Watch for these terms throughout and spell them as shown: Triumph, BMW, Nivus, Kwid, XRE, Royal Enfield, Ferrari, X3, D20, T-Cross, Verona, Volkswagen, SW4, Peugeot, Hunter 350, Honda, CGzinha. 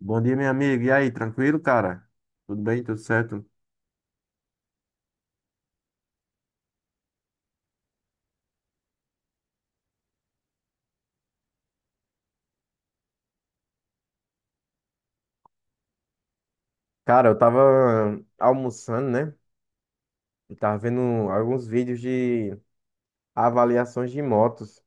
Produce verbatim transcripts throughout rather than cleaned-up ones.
Bom dia, meu amigo. E aí, tranquilo, cara? Tudo bem? Tudo certo? Cara, eu tava almoçando, né? Eu tava vendo alguns vídeos de avaliações de motos.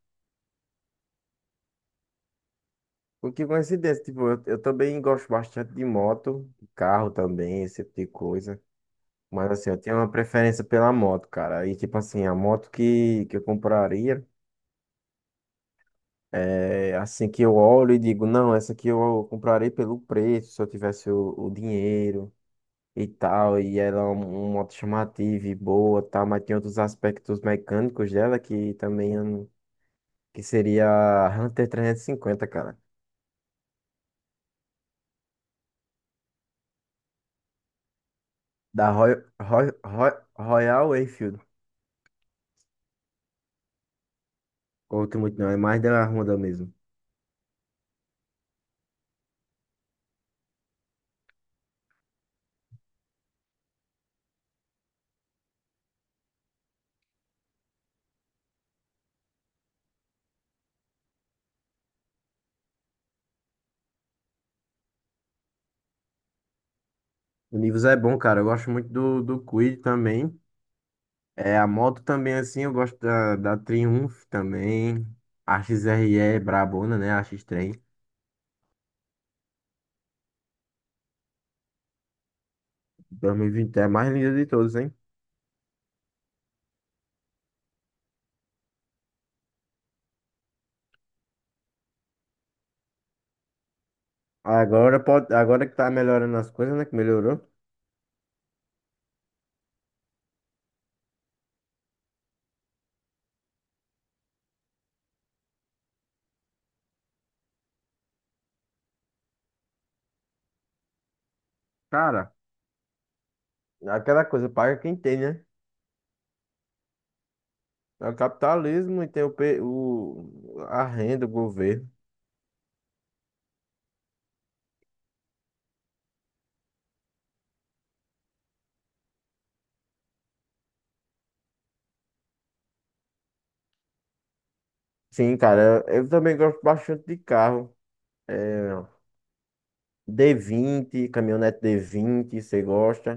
O que coincidência, tipo, eu, eu também gosto bastante de moto, de carro também, esse tipo de coisa. Mas assim, eu tenho uma preferência pela moto, cara. E tipo assim, a moto que, que eu compraria, é assim que eu olho e digo, não, essa aqui eu comprarei pelo preço, se eu tivesse o, o dinheiro. E tal, e ela é um- uma moto chamativa e boa, tal, mas tem outros aspectos mecânicos dela que também eu não- que seria a Hunter trezentos e cinquenta, cara, da Roy, Roy, Roy, Royal Enfield. Curto muito não, é mais da Honda mesmo. O Nivus é bom, cara, eu gosto muito do, do Kwid também. É, a moto também, assim, eu gosto da, da Triumph também. A X R E é brabona, né? A xis três. dois mil e vinte é a mais linda de todos, hein? Agora pode, agora que tá melhorando as coisas, né? Que melhorou. Cara, aquela coisa, paga quem tem, né? É o capitalismo e tem o, pe- o, a renda, o governo. Sim, cara, eu, eu também gosto bastante de carro. É, d vinte caminhonete d vinte você gosta?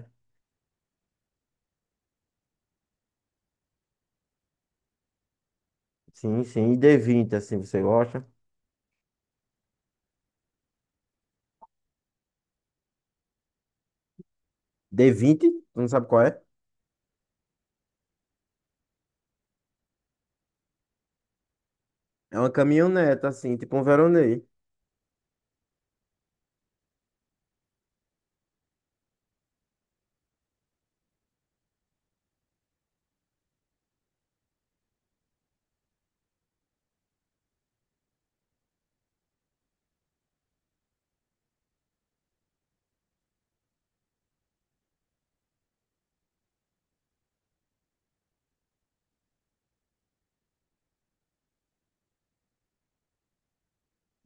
Sim, sim, e d vinte assim, você gosta? D vinte, tu não sabe qual é? É uma caminhonete, assim, tipo um Veronei.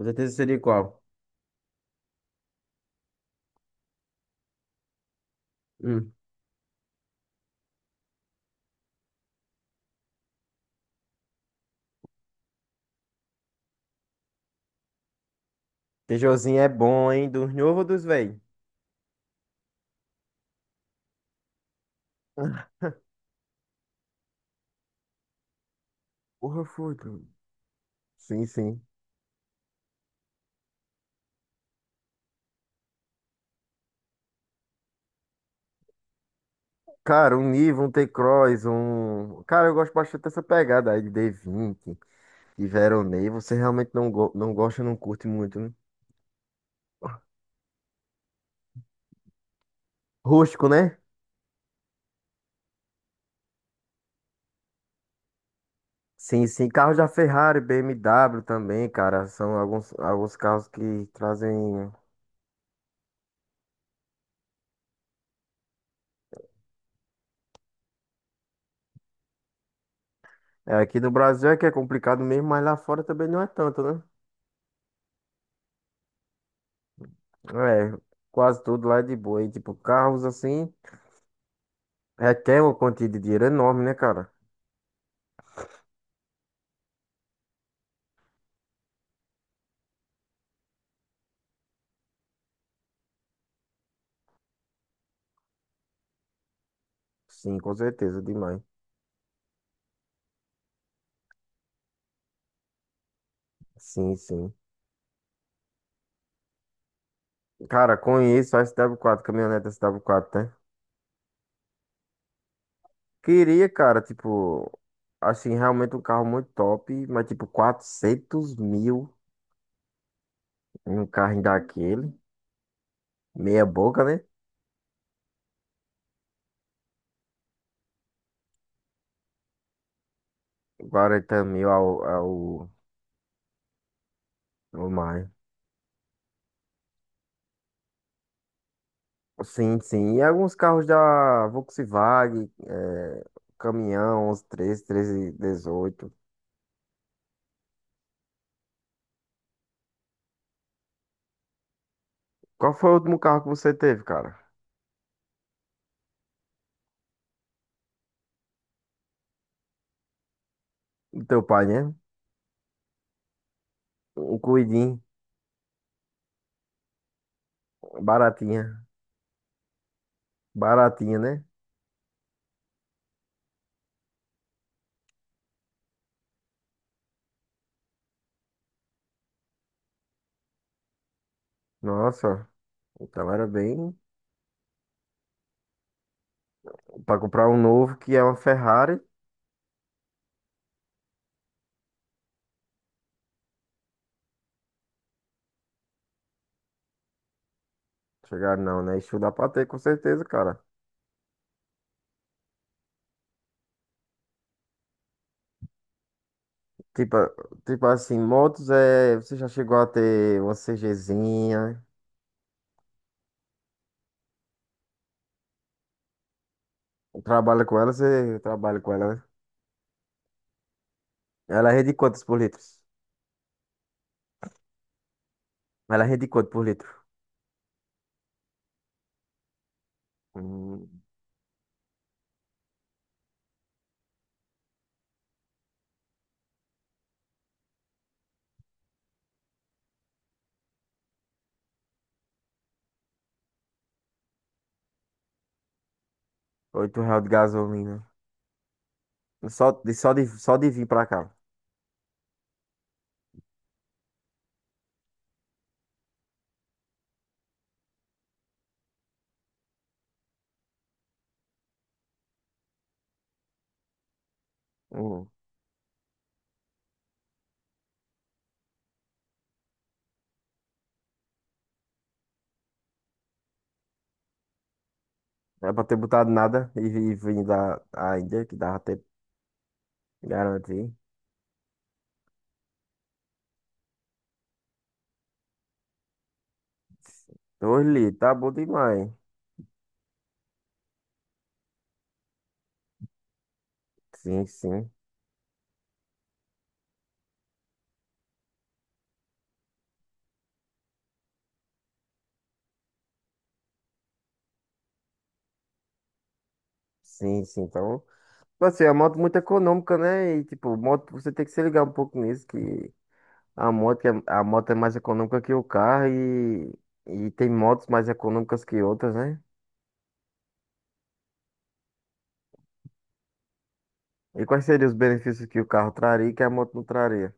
Com certeza seria qual? Hum. Peugeotzinho é bom, hein? Dos novos ou dos velhos? Porra, foi, cara. Sim, sim. Cara, um Nive, um T-Cross, um. Cara, eu gosto bastante dessa pegada aí de D vinte, de Veronei. Você realmente não, go- não gosta, não curte muito, né? Rústico, né? Sim, sim. Carros da Ferrari, B M W também, cara. São alguns, alguns carros que trazem. É, aqui no Brasil é que é complicado mesmo, mas lá fora também não é tanto, né? É, quase tudo lá é de boa. E, tipo, carros assim, requer uma quantia de dinheiro enorme, né, cara? Sim, com certeza, demais. Sim, sim. Cara, conheço a S W quatro, caminhonete S W quatro, né? Queria, cara, tipo, assim, realmente um carro muito top, mas tipo, quatrocentos mil em um carro daquele. Meia boca, né? quarenta mil ao, ao, ao mais. Sim, sim. E alguns carros da Volkswagen, é, caminhão, onze, treze, treze dezoito. Qual foi o último carro que você teve, cara? Do teu pai, né? Um cuidinho, baratinha. Baratinha, né? Nossa. Então era bem. Pra comprar um novo que é uma Ferrari. Chegar não, né? Isso dá pra ter, com certeza, cara. Tipo, tipo assim, motos é. Você já chegou a ter uma CGzinha? Trabalha com ela, você trabalha com ela, né? Ela rende quantos por litro? Ela rende quanto por litro? Hum, oito reais de gasolina. Só de, só de, só de vir pra cá. Hum, não é pra ter botado nada e, e vir da ainda, que dava até garantir. dois litros, tá bom demais. Sim, sim. Sim, sim. Então, tipo assim, é uma moto muito econômica, né? E, tipo, moto, você tem que se ligar um pouco nisso, que a moto é, a moto é mais econômica que o carro e, e tem motos mais econômicas que outras, né? E quais seriam os benefícios que o carro traria e que a moto não traria?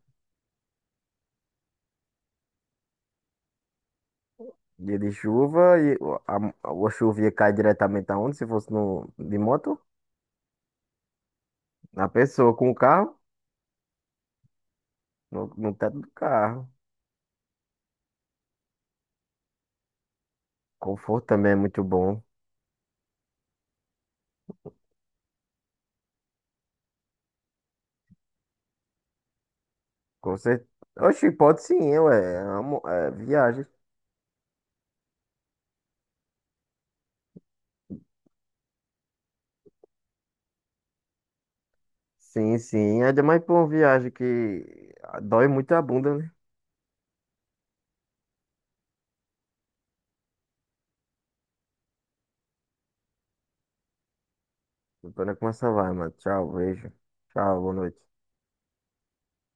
Dia de chuva e o- a, a chuva ia cair diretamente aonde? Se fosse no, de moto? Na pessoa, com o carro, no, no teto do carro. Conforto também é muito bom. Com certeza. Oxi, pode sim, ué. É, uma mo- é viagem. Sim, sim. Ainda mais pra uma viagem que dói muito a bunda, né? Então tô como essa vai, mano. Tchau, beijo. Tchau, boa noite.